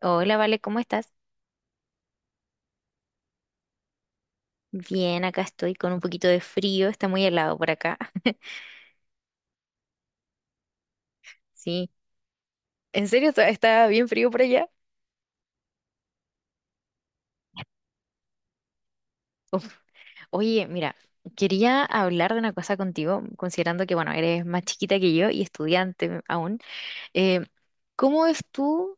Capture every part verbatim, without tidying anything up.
Hola, Vale, ¿cómo estás? Bien, acá estoy con un poquito de frío, está muy helado por acá. Sí. ¿En serio está, está bien frío por allá? Uf. Oye, mira, quería hablar de una cosa contigo, considerando que, bueno, eres más chiquita que yo y estudiante aún. Eh, ¿cómo es tú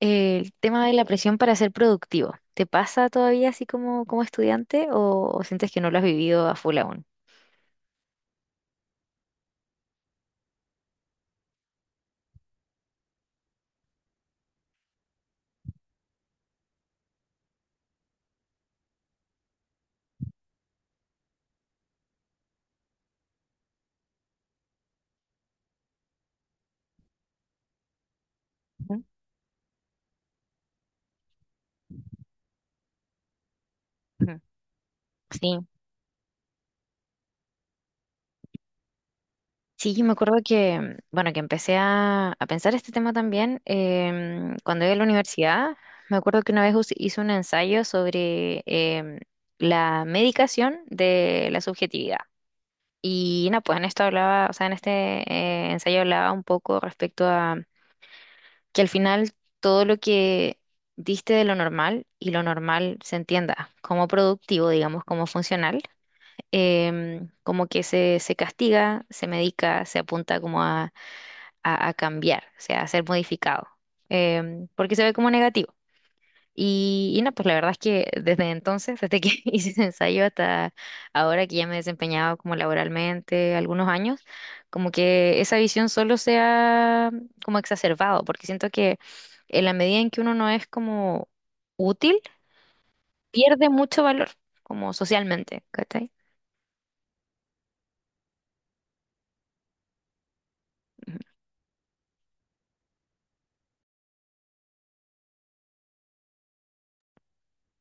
eh, el tema de la presión para ser productivo? ¿Te pasa todavía así como, como estudiante o, o sientes que no lo has vivido a full aún? Ujú, ujú. Sí. Sí, yo me acuerdo que, bueno, que empecé a, a pensar este tema también em, cuando iba a la universidad. Me acuerdo que una vez us- hice un ensayo sobre em, la medicación de la subjetividad. Y no, pues en esto hablaba, o sea, en este eh, ensayo hablaba un poco respecto a que al final todo lo que diste de lo normal y lo normal se entienda como productivo, digamos, como funcional, em, como que se, se castiga, se medica, se apunta como a a, a cambiar, o sea, a ser modificado, em, porque se ve como negativo. Y, y no, pues la verdad es que desde entonces, desde que hice ese ensayo hasta ahora que ya me he desempeñado como laboralmente algunos años, como que esa visión solo se ha como exacerbado, porque siento que en la medida en que uno no es como útil, pierde mucho valor, como socialmente, ¿cachai? Ujú.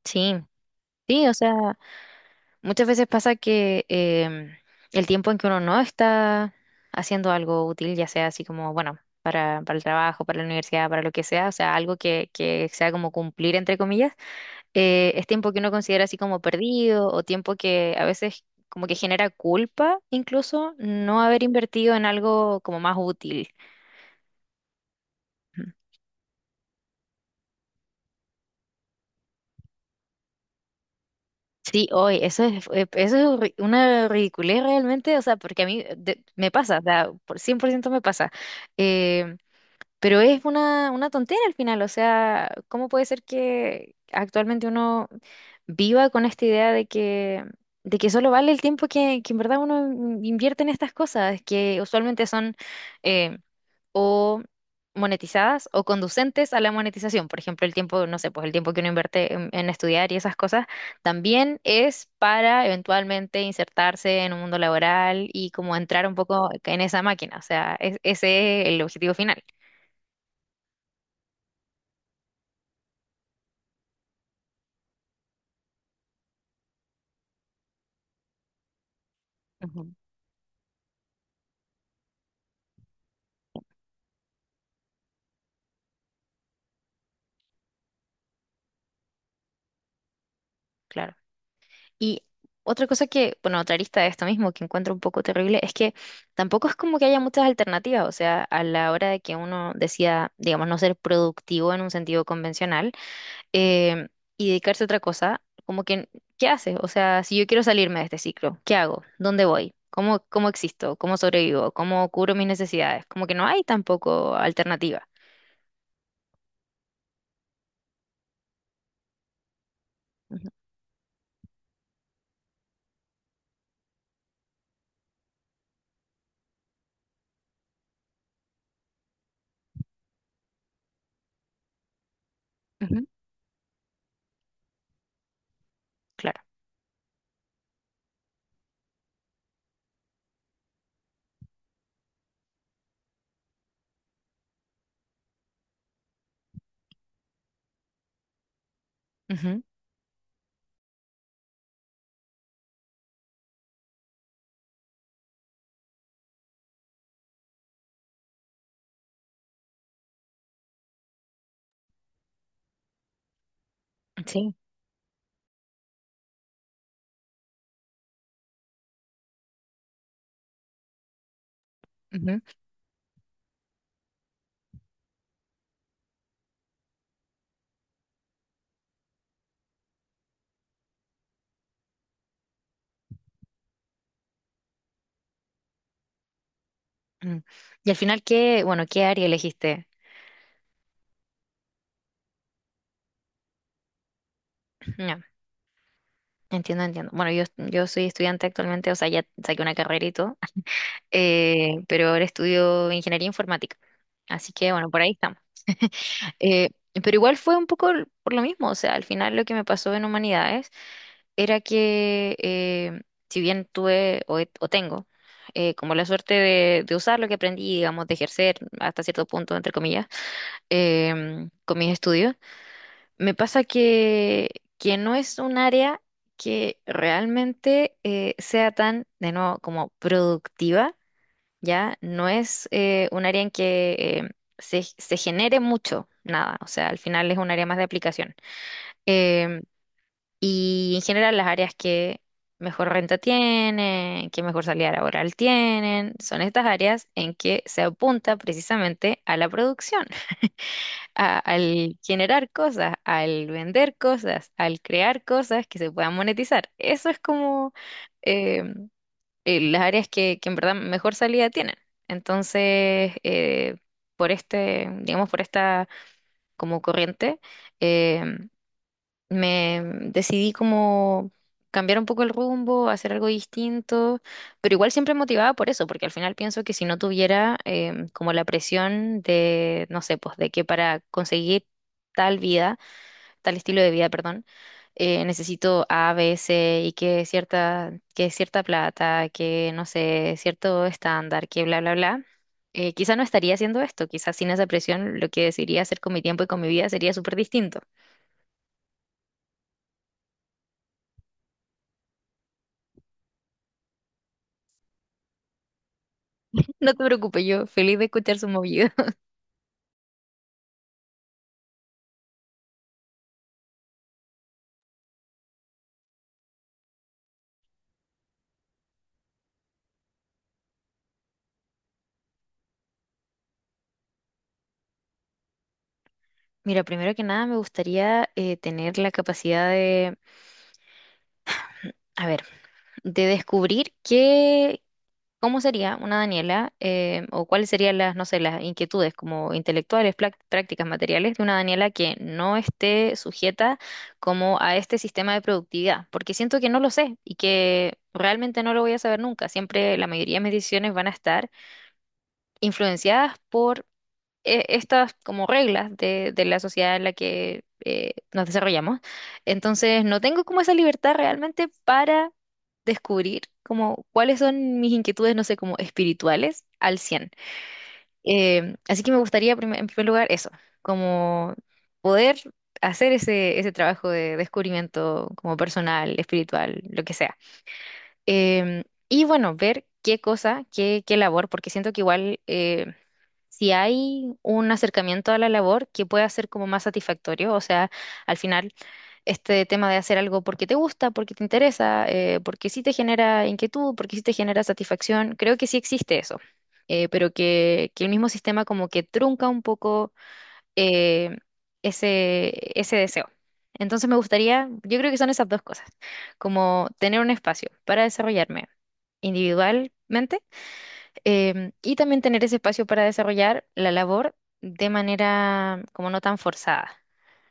Sí, sí, o sea... Muchas veces pasa que em, el tiempo en que uno no está haciendo algo útil, ya sea así como, bueno, para, para el trabajo, para la universidad, para lo que sea, o sea, algo que, que sea como cumplir, entre comillas, eh, es tiempo que uno considera así como perdido o tiempo que a veces como que genera culpa incluso no haber invertido en algo como más útil. Ujú. Sí, hoy, eso es, eh, eso es ri- una ridiculez realmente, o sea, porque a mí de- me pasa, o sea, por cien por ciento me pasa. eh, Pero es una, una tontera al final, o sea, ¿cómo puede ser que actualmente uno viva con esta idea de que, de que solo vale el tiempo que, que en verdad uno in- invierte en estas cosas, que usualmente son eh, o monetizadas o conducentes a la monetización? Por ejemplo, el tiempo, no sé, pues el tiempo que uno invierte en, en estudiar y esas cosas también es para eventualmente insertarse en un mundo laboral y como entrar un poco en esa máquina, o sea, es- ese es el objetivo final. Ujú. Claro. Y otra cosa que, bueno, otra arista de esto mismo que encuentro un poco terrible es que tampoco es como que haya muchas alternativas, o sea, a la hora de que uno decida, digamos, no ser productivo en un sentido convencional, eh, y dedicarse a otra cosa, como que, ¿qué hace? O sea, si yo quiero salirme de este ciclo, ¿qué hago? ¿Dónde voy? ¿Cómo, cómo existo? ¿Cómo sobrevivo? ¿Cómo cubro mis necesidades? Como que no hay tampoco alternativa. Ujú, ujú, claro. Ujú, sí. Ujú, ujú. Y al final, ¿qué, bueno, qué área elegiste? No. Entiendo, entiendo. Bueno, yo, yo soy estudiante actualmente, o sea, ya saqué una carrera y todo, eh, pero ahora estudio ingeniería informática. Así que, bueno, por ahí estamos. Eh, pero igual fue un poco l- por lo mismo, o sea, al final lo que me pasó en humanidades era que, eh, si bien tuve o, he- o tengo eh, como la suerte de, de usar lo que aprendí, digamos, de ejercer hasta cierto punto, entre comillas, em, con mis estudios me pasa que, que no es un área que realmente eh, sea tan, de nuevo, como productiva, ¿ya? No es eh, un área en que eh, se, se genere mucho, nada. O sea, al final es un área más de aplicación. Em, y en general las áreas que mejor renta tienen, que mejor salida laboral tienen, son estas áreas en que se apunta precisamente a la producción a- al generar cosas, al vender cosas, al crear cosas que se puedan monetizar. Eso es como eh, eh, las áreas que, que en verdad mejor salida tienen. Entonces, eh, por este, digamos, por esta como corriente, em, me decidí como cambiar un poco el rumbo, hacer algo distinto, pero igual siempre motivada por eso, porque al final pienso que si no tuviera em, como la presión de, no sé, pues de que para conseguir tal vida, tal estilo de vida, perdón, eh, necesito a be ce y que cierta, que cierta plata, que no sé, cierto estándar, que bla, bla, bla. Eh, quizá no estaría haciendo esto, quizás sin esa presión lo que decidiría hacer con mi tiempo y con mi vida sería súper distinto. No te preocupes, yo feliz de escuchar su movido. Mira, primero que nada me gustaría eh, tener la capacidad de, a ver, de descubrir qué, cómo sería una Daniela, eh, o cuáles serían las, no sé, las inquietudes como intelectuales, plac- prácticas, materiales de una Daniela que no esté sujeta como a este sistema de productividad, porque siento que no lo sé y que realmente no lo voy a saber nunca. Siempre la mayoría de mis decisiones van a estar influenciadas por e- estas como reglas de, de la sociedad en la que eh, nos desarrollamos. Entonces, no tengo como esa libertad realmente para descubrir como cuáles son mis inquietudes, no sé, como espirituales al cien. Eh, así que me gustaría prim- en primer lugar eso, como poder hacer ese, ese trabajo de descubrimiento como personal, espiritual, lo que sea. Em, y bueno, ver qué cosa, qué, qué labor, porque siento que igual... eh, si hay un acercamiento a la labor que pueda ser como más satisfactorio, o sea, al final este tema de hacer algo porque te gusta, porque te interesa, eh, porque sí te genera inquietud, porque sí te genera satisfacción, creo que sí existe eso, eh, pero que, que el mismo sistema como que trunca un poco eh, ese, ese deseo. Entonces me gustaría, yo creo que son esas dos cosas, como tener un espacio para desarrollarme individualmente, em, y también tener ese espacio para desarrollar la labor de manera como no tan forzada,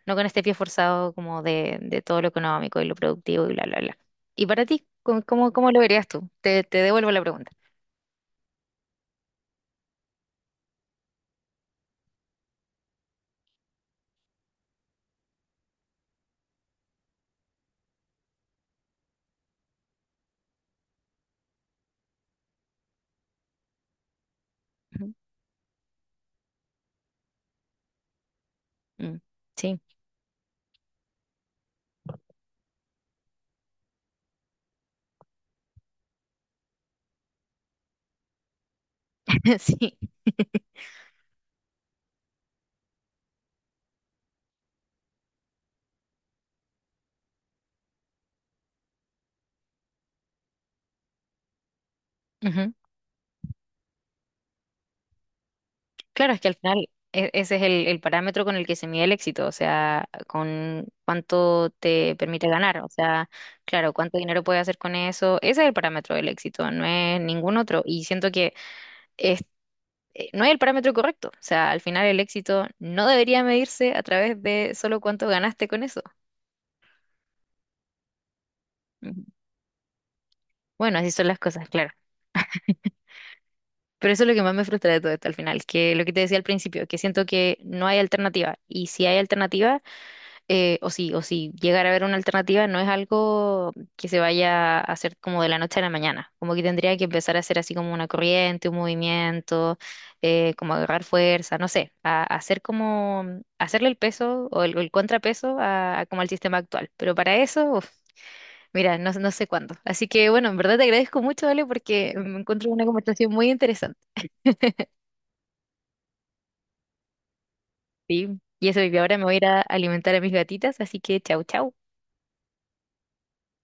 no con este pie forzado como de, de todo lo económico y lo productivo y bla, bla, bla. ¿Y para ti, cómo, cómo, cómo lo verías tú? Te, te devuelvo la pregunta. Ujú. Mm. Sí, sí. Ujú. Claro, es que al final e- ese es el, el parámetro con el que se mide el éxito, o sea, con cuánto te permite ganar, o sea, claro, cuánto dinero puedes hacer con eso, ese es el parámetro del éxito, no es ningún otro. Y siento que es- eh, no es el parámetro correcto. O sea, al final el éxito no debería medirse a través de solo cuánto ganaste con eso. Ujú. Bueno, así son las cosas, claro. Pero eso es lo que más me frustra de todo esto al final, que lo que te decía al principio, que siento que no hay alternativa. Y si hay alternativa, eh, o si, o si llegar a ver una alternativa, no es algo que se vaya a hacer como de la noche a la mañana. Como que tendría que empezar a hacer así como una corriente, un movimiento, eh, como agarrar fuerza, no sé, a, a hacer como, hacerle el peso o el, el contrapeso a, a como al sistema actual. Pero para eso, uf, mira, no, no sé cuándo. Así que bueno, en verdad te agradezco mucho, Ale, porque me encuentro una conversación muy interesante. Sí. Y eso, y ahora me voy a ir a alimentar a mis gatitas, así que chau, chau.